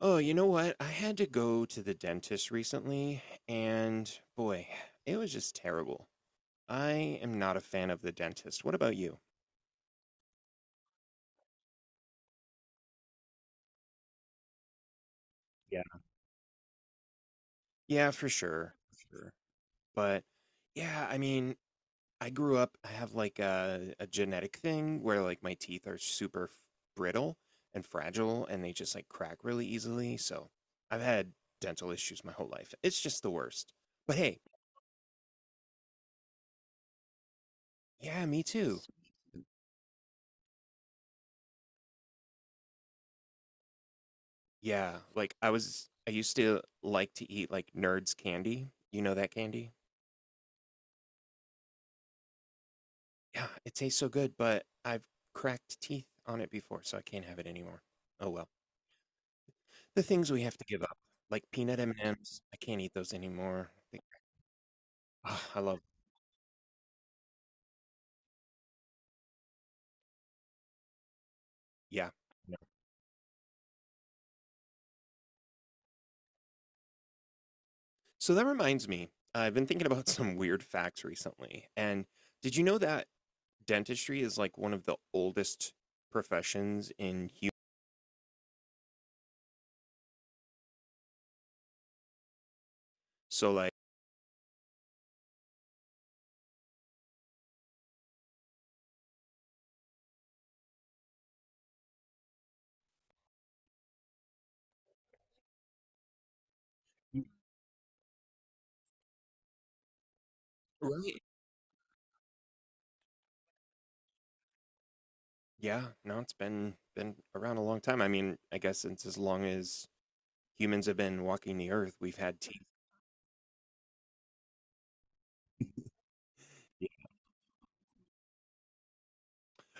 Oh, you know what? I had to go to the dentist recently, and boy, it was just terrible. I am not a fan of the dentist. What about you? Yeah, yeah, for sure. For sure. But yeah, I mean, I grew up, I have like a genetic thing where like my teeth are super brittle and fragile and they just like crack really easily. So I've had dental issues my whole life. It's just the worst. But hey, yeah, me too. Yeah, like, I used to like to eat, like, Nerds candy. You know that candy? Yeah, it tastes so good, but I've cracked teeth on it before, so I can't have it anymore. Oh, well. The things we have to give up, like peanut M&Ms, I can't eat those anymore. Like, ah, I love. Yeah, no. So that reminds me, I've been thinking about some weird facts recently, and did you know that dentistry is, like, one of the oldest professions in human? So, like. Mm. Right. Yeah, no, it's been around a long time. I mean, I guess since as long as humans have been walking the earth, we've had teeth. Yeah.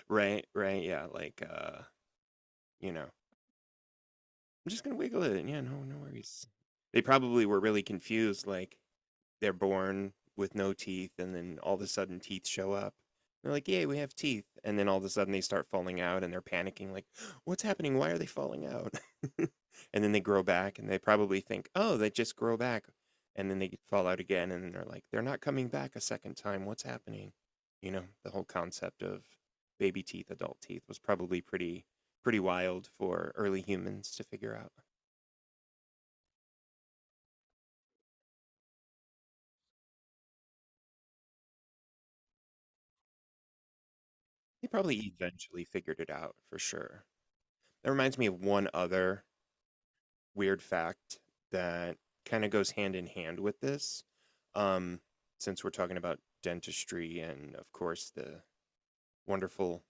Right, right, yeah. Like I'm just gonna wiggle it. Yeah, no, no worries. They probably were really confused, like, they're born with no teeth and then all of a sudden teeth show up. They're like, "Yay, we have teeth." And then all of a sudden they start falling out and they're panicking like, "What's happening? Why are they falling out?" And then they grow back and they probably think, "Oh, they just grow back." And then they fall out again and they're like, "They're not coming back a second time. What's happening?" You know, the whole concept of baby teeth, adult teeth was probably pretty wild for early humans to figure out. They probably eventually figured it out for sure. That reminds me of one other weird fact that kind of goes hand in hand with this. Um, since we're talking about dentistry and, of course, the wonderful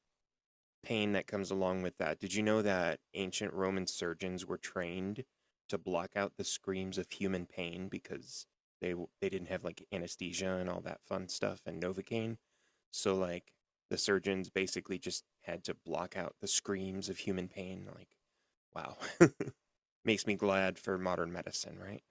pain that comes along with that, did you know that ancient Roman surgeons were trained to block out the screams of human pain because they they didn't have like anesthesia and all that fun stuff and Novocaine? So like the surgeons basically just had to block out the screams of human pain. Like, wow. Makes me glad for modern medicine, right?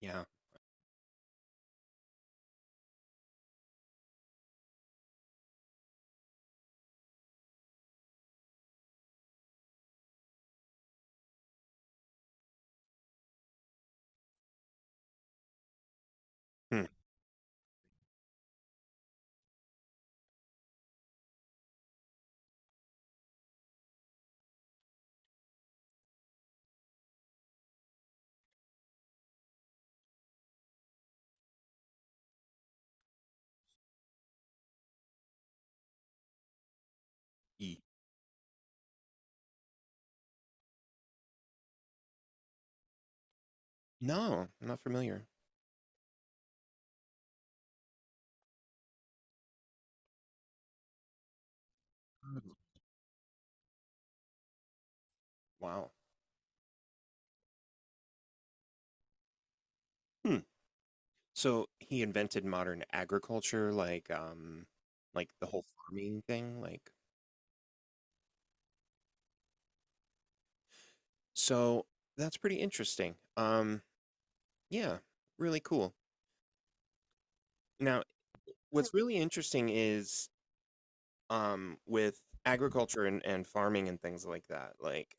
Yeah. Hmm. E. No, I'm not familiar. Mm. Wow. Hmm. So he invented modern agriculture, like the whole farming thing, like so that's pretty interesting. Yeah, really cool. Now, yeah. What's really interesting is with agriculture and farming and things like that, like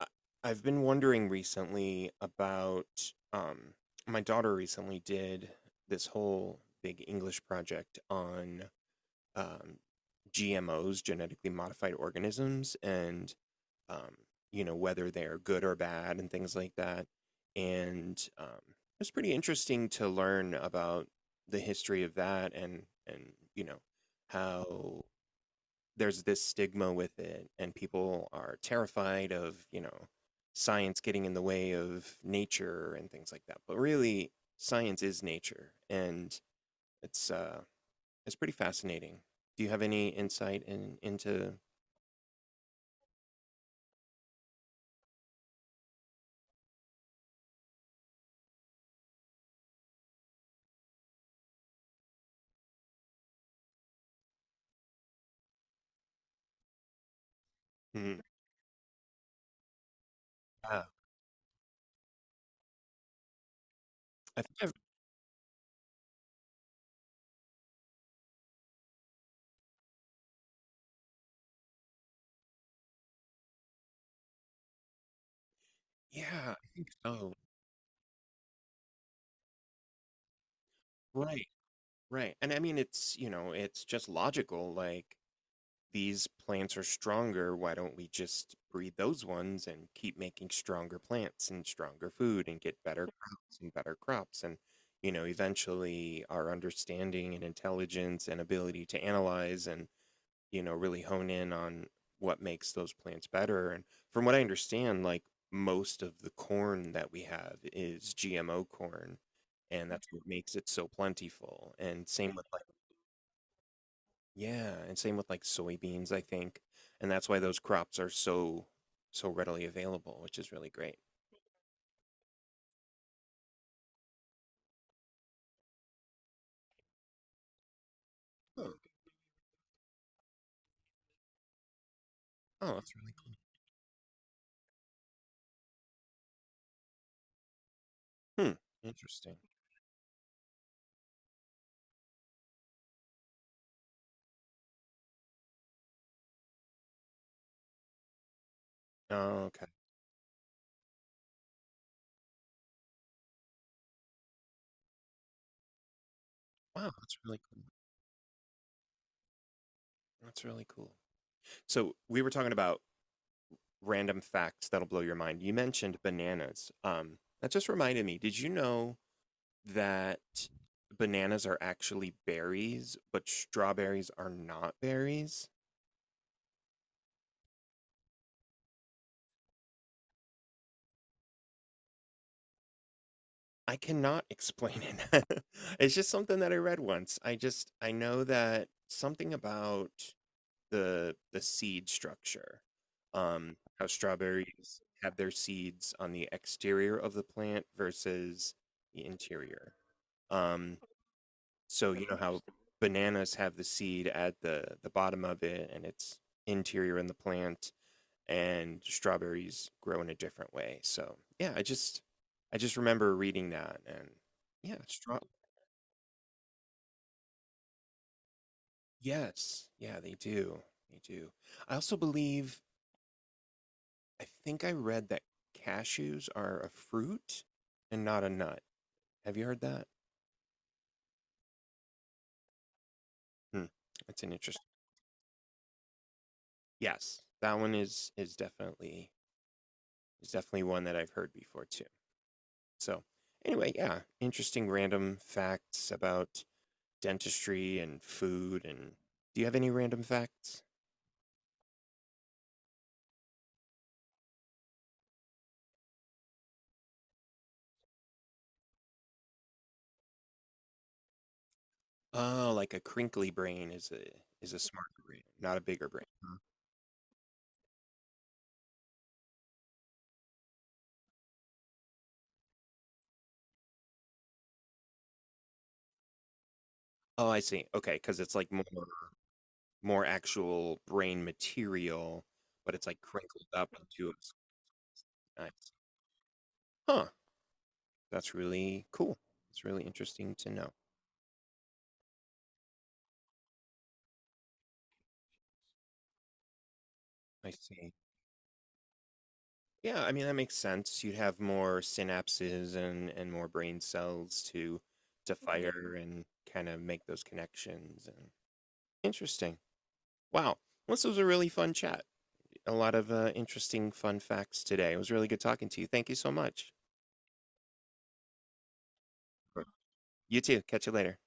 I- I've been wondering recently about my daughter recently did this whole big English project on um, GMOs, genetically modified organisms, and um, you know whether they are good or bad and things like that. And it was pretty interesting to learn about the history of that and how there's this stigma with it and people are terrified of science getting in the way of nature and things like that but really science is nature and it's uh it's pretty fascinating. Do you have any insight in into? Hmm. uh, I think yeah, I think so. Right, right, and I mean it's you know it's just logical, like these plants are stronger. Why don't we just breed those ones and keep making stronger plants and stronger food and get better crops? And, eventually our understanding and intelligence and ability to analyze and, really hone in on what makes those plants better. And from what I understand, like most of the corn that we have is GMO corn. And that's what makes it so plentiful. And same with like yeah, and same with like soybeans, I think. And that's why those crops are so readily available, which is really great. Oh, oh, that's really cool. Hmm, interesting. Oh, okay. Wow, that's really cool. That's really cool. So we were talking about random facts that'll blow your mind. You mentioned bananas. That just reminded me. Did you know that bananas are actually berries, but strawberries are not berries? I cannot explain it. It's just something that I read once. I know that something about the seed structure, how strawberries have their seeds on the exterior of the plant versus the interior. Um, so you know how bananas have the seed at the bottom of it and it's interior in the plant and strawberries grow in a different way. So yeah, I just remember reading that and yeah, straw yes, yeah, they do. They do. I also believe I think I read that cashews are a fruit and not a nut. Have you heard that? Hmm. That's an interesting. Yes, that one is definitely one that I've heard before too. So anyway, yeah, interesting random facts about dentistry and food and do you have any random facts? Oh, like a crinkly brain is a smarter brain, not a bigger brain. Huh? Oh, I see. Okay, because it's like more actual brain material, but it's like crinkled up into a I see. Huh. That's really cool. It's really interesting to know. I see. Yeah, I mean that makes sense. You'd have more synapses and more brain cells to fire and kind of make those connections and interesting. Wow. Well, this was a really fun chat. A lot of interesting fun facts today. It was really good talking to you. Thank you so much. Sure. You too. Catch you later.